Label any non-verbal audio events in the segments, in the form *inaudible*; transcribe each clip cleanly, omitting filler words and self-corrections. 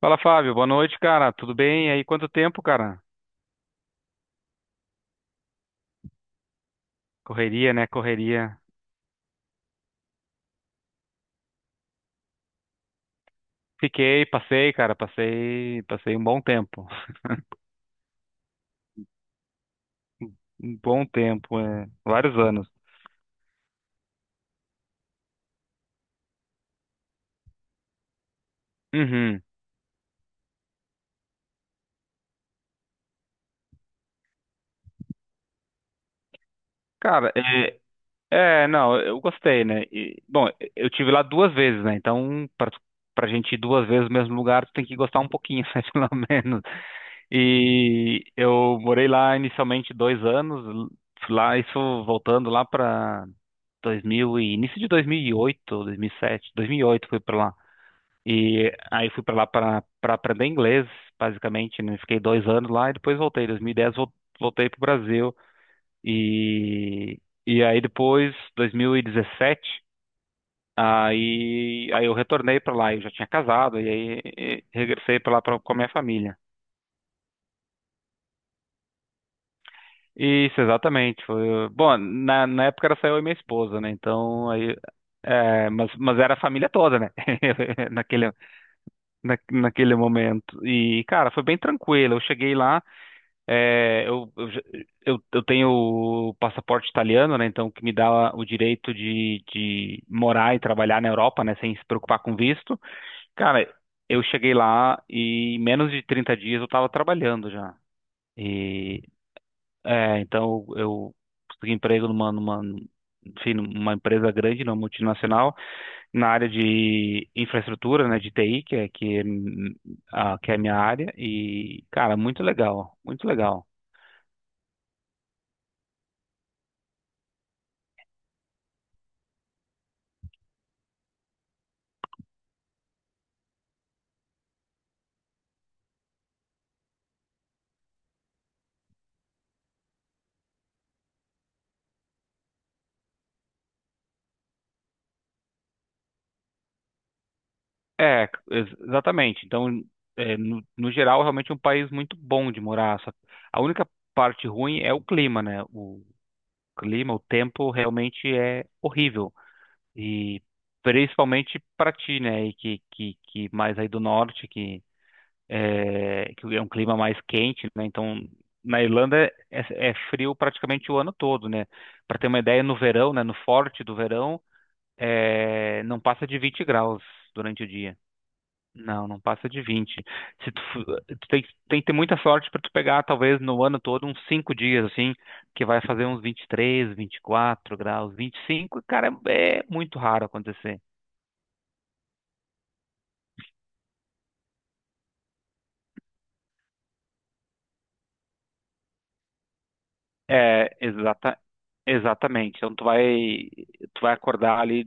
Fala, Fábio. Boa noite, cara. Tudo bem? E aí, quanto tempo, cara? Correria, né? Correria. Fiquei, passei, cara. Passei um bom tempo. *laughs* Um bom tempo, é. Vários anos. Uhum. Cara, não, eu gostei, né? E, bom, eu tive lá duas vezes, né? Então, pra gente ir duas vezes no mesmo lugar, tu tem que gostar um pouquinho, *laughs* né? Pelo menos. E eu morei lá inicialmente 2 anos, lá, isso voltando lá pra 2000 e início de 2008, 2007, 2008 fui para lá. E aí fui para lá para aprender inglês, basicamente, né? Fiquei 2 anos lá e depois voltei. Em 2010 voltei para o Brasil e e aí depois 2017 aí eu retornei para lá. Eu já tinha casado e aí regressei para lá pra, com a minha família. Isso, exatamente. Foi, bom, na época era só eu e minha esposa, né? Então aí é, mas era a família toda, né? *laughs* Naquele, naquele momento. E, cara, foi bem tranquilo. Eu cheguei lá, é, eu, eu, já- eu tenho o passaporte italiano, né? Então, que me dá o direito de morar e trabalhar na Europa, né? Sem se preocupar com visto. Cara, eu cheguei lá e em menos de 30 dias eu tava trabalhando já. E, é, então eu consegui emprego enfim, numa empresa grande, numa multinacional na área de infraestrutura, né, de TI, que é a minha área, e, cara, muito legal, muito legal. É, exatamente. Então, é, no geral, realmente é um país muito bom de morar. Só, a única parte ruim é o clima, né? O clima, o tempo realmente é horrível. E principalmente para ti, né? E que, que mais aí do norte, é, que é um clima mais quente, né? Então, na Irlanda é, é frio praticamente o ano todo, né? Para ter uma ideia, no verão, né? No forte do verão, é, não passa de 20 graus durante o dia. Não, não passa de 20. Se tu, tem, tem que ter muita sorte para tu pegar, talvez no ano todo, uns 5 dias, assim, que vai fazer uns 23, quatro graus, 25. Cara, é muito raro acontecer. É, exata, exatamente. Então tu vai acordar ali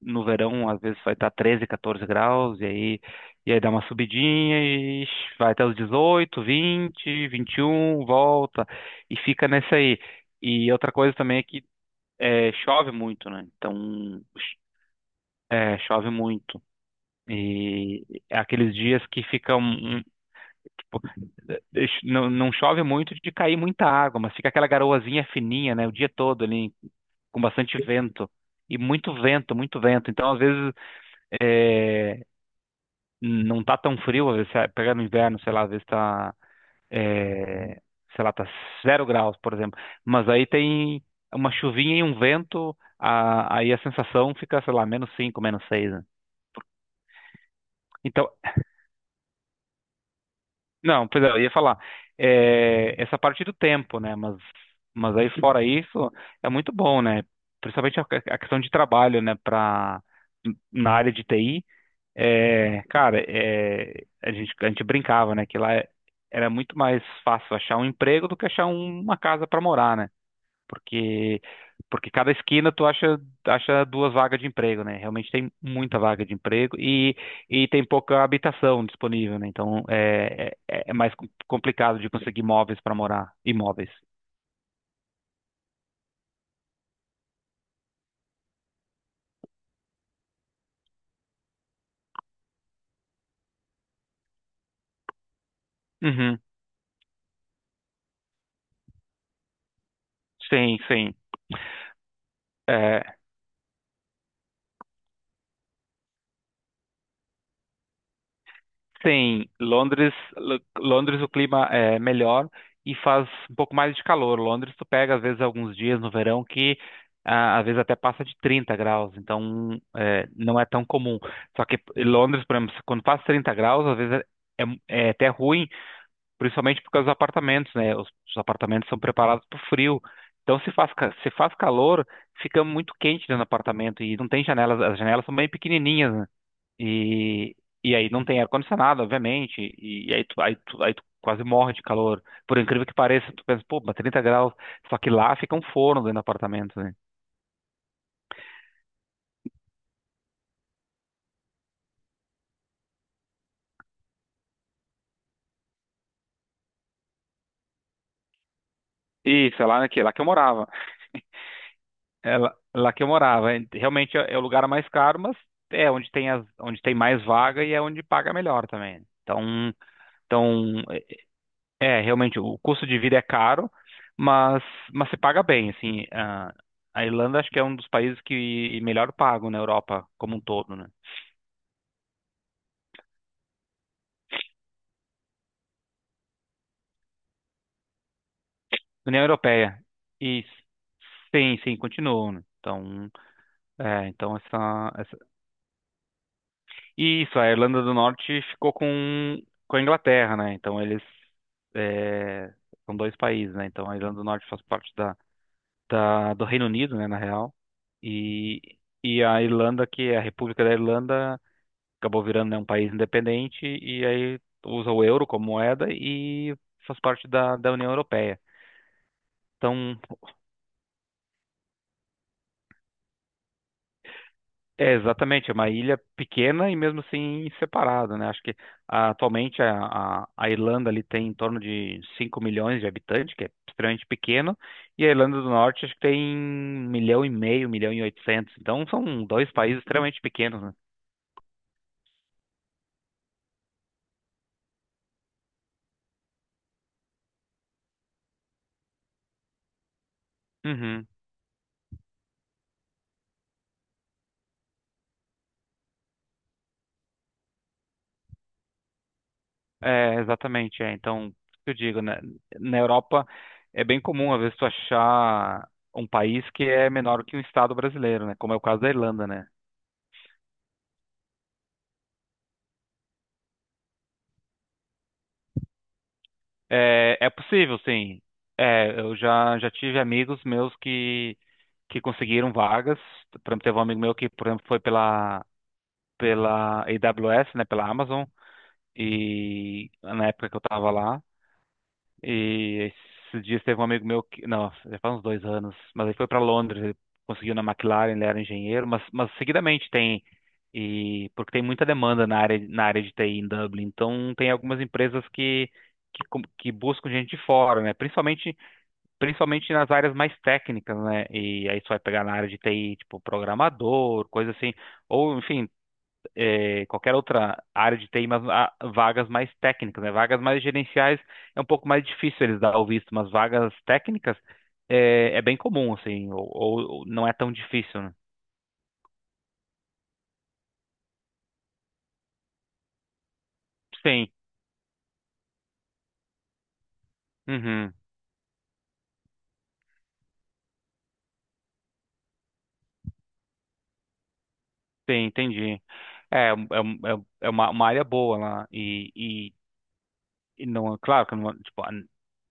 no verão, às vezes vai estar 13 14 graus, e aí dá uma subidinha e vai até os dezoito vinte vinte e um, volta, e fica nessa aí. E outra coisa também é que é, chove muito, né? Então, é, chove muito. E é aqueles dias que ficam, tipo, não, não chove muito de cair muita água, mas fica aquela garoazinha fininha, né? O dia todo ali com bastante vento. E muito vento, muito vento. Então, às vezes, é, não tá tão frio, às vezes, você pega no inverno, sei lá, às vezes tá, é, sei lá, tá 0 graus, por exemplo. Mas aí tem uma chuvinha e um vento, aí a sensação fica, sei lá, -5, -6, né? Então, não, pois é, eu ia falar, é, essa parte do tempo, né? Mas aí fora isso, é muito bom, né? Principalmente a questão de trabalho, né? Pra, na área de TI, é, cara, é, a gente brincava, né, que lá era muito mais fácil achar um emprego do que achar uma casa para morar, né? Porque, porque cada esquina acha duas vagas de emprego, né? Realmente tem muita vaga de emprego e tem pouca habitação disponível, né? Então é mais complicado de conseguir imóveis para morar, imóveis. Uhum. Sim, sim. É, sim, Londres, Londres o clima é melhor e faz um pouco mais de calor. Londres tu pega às vezes alguns dias no verão que ah, às vezes até passa de 30 graus, então é, não é tão comum. Só que Londres, por exemplo, quando faz 30 graus, às vezes é, é até ruim, principalmente por causa dos apartamentos, né? Os apartamentos são preparados para o frio. Então se faz, se faz calor, fica muito quente dentro do apartamento e não tem janelas, as janelas são bem pequenininhas, né? E, e aí não tem ar-condicionado, obviamente, aí tu quase morre de calor. Por incrível que pareça, tu pensa, pô, mas 30 graus, só que lá fica um forno dentro do apartamento, né? Isso, é lá que eu morava. É lá, lá que eu morava. É, realmente é, é o lugar mais caro, mas é onde tem, as, onde tem mais vaga e é onde paga melhor também. Então, então é, é, realmente, o custo de vida é caro, mas, mas se paga bem, assim. A Irlanda acho que é um dos países que melhor pagam na Europa como um todo, né? União Europeia. Isso. Sim, sim, continuou, né? Então, é, então essa... Isso, a Irlanda do Norte ficou com a Inglaterra, né? Então eles é, são dois países, né? Então a Irlanda do Norte faz parte da, do Reino Unido, né, na real. E a Irlanda, que é a República da Irlanda, acabou virando, né, um país independente e aí usa o euro como moeda e faz parte da, da União Europeia. Então, é, exatamente, é uma ilha pequena e mesmo assim separada, né? Acho que ah, atualmente a Irlanda ali tem em torno de 5 milhões de habitantes, que é extremamente pequeno, e a Irlanda do Norte acho que tem 1 milhão e meio, 1 milhão e 800. Então são dois países extremamente pequenos, né? Uhum. É, exatamente, é. Então, o que eu digo, né? Na Europa é bem comum, às vezes, tu achar um país que é menor que um estado brasileiro, né? Como é o caso da Irlanda, né? É, é possível, sim. É, já tive amigos meus que conseguiram vagas. Por exemplo, teve um amigo meu que, por exemplo, foi pela, pela AWS, né, pela Amazon, e na época que eu estava lá. E esses dias teve um amigo meu que, não, já faz uns 2 anos, mas ele foi para Londres, ele conseguiu na McLaren, ele era engenheiro, mas seguidamente tem, e porque tem muita demanda na área de TI em Dublin, então tem algumas empresas que buscam gente de fora, né? Principalmente nas áreas mais técnicas, né? E aí você vai pegar na área de TI, tipo programador, coisa assim, ou enfim, qualquer outra área de TI, mas há vagas mais técnicas, né? Vagas mais gerenciais é um pouco mais difícil eles dar o visto, mas vagas técnicas é, é bem comum, assim, ou não é tão difícil, né? Sim, uhum, sim, entendi. É, é, um- uma área boa lá, e não, é claro que não, tipo,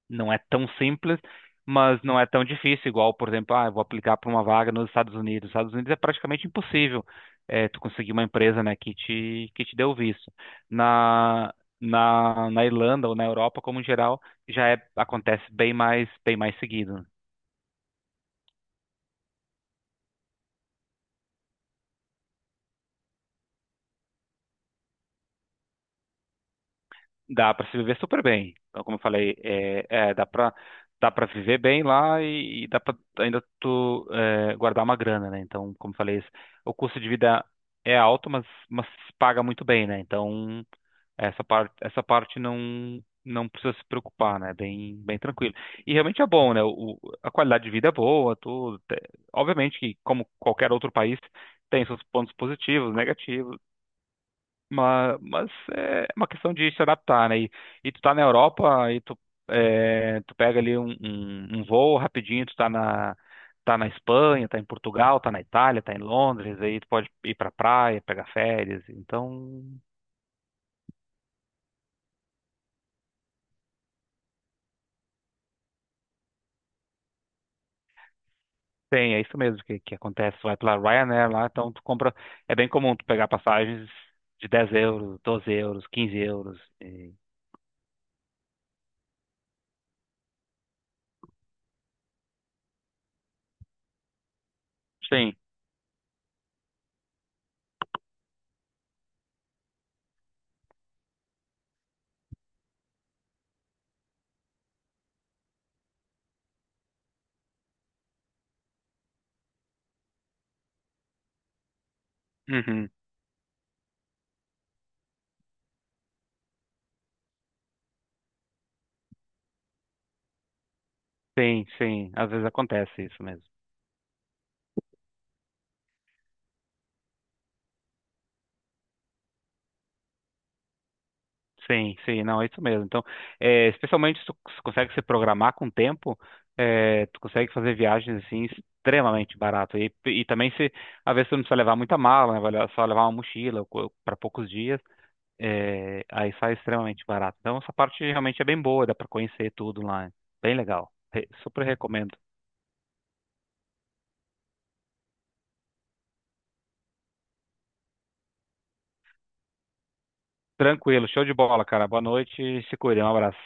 não é tão simples, mas não é tão difícil, igual, por exemplo, ah, eu vou aplicar para uma vaga nos Estados Unidos. Nos Estados Unidos é praticamente impossível eh, tu conseguir uma empresa, né, que te dê o visto. Na, na Irlanda ou na Europa, como em geral, já é, acontece bem mais seguido. Dá para se viver super bem. Então, como eu falei, é, é, dá para viver bem lá e dá para ainda tu é, guardar uma grana, né? Então, como eu falei, o custo de vida é alto, mas se paga muito bem, né? Então, essa parte não precisa se preocupar, né? Bem tranquilo. E realmente é bom, né? A qualidade de vida é boa, tudo. Obviamente que como qualquer outro país tem seus pontos positivos, negativos mas é uma questão de se adaptar, né? E tu tá na Europa e tu, é, tu pega ali um voo rapidinho, tu tá na, tá na Espanha, tá em Portugal, tá na Itália, tá em Londres, aí tu pode ir pra praia, pegar férias. Então, tem, é isso mesmo que acontece. Tu vai pela Ryanair lá, então tu compra. É bem comum tu pegar passagens de 10 euros, 12 euros, 15 euros. Sim. Uhum. Sim, sim. Às vezes acontece isso mesmo. Sim, sim, não, é isso mesmo. Então, é, especialmente se tu se consegue se programar com o tempo, é, tu consegue fazer viagens assim extremamente barato. E também se às vezes tu não precisa levar muita mala, né? Só levar uma mochila para poucos dias, é, aí sai extremamente barato. Então essa parte realmente é bem boa, dá para conhecer tudo lá. Bem legal. Super recomendo. Tranquilo, show de bola, cara. Boa noite, se cuida, um abraço.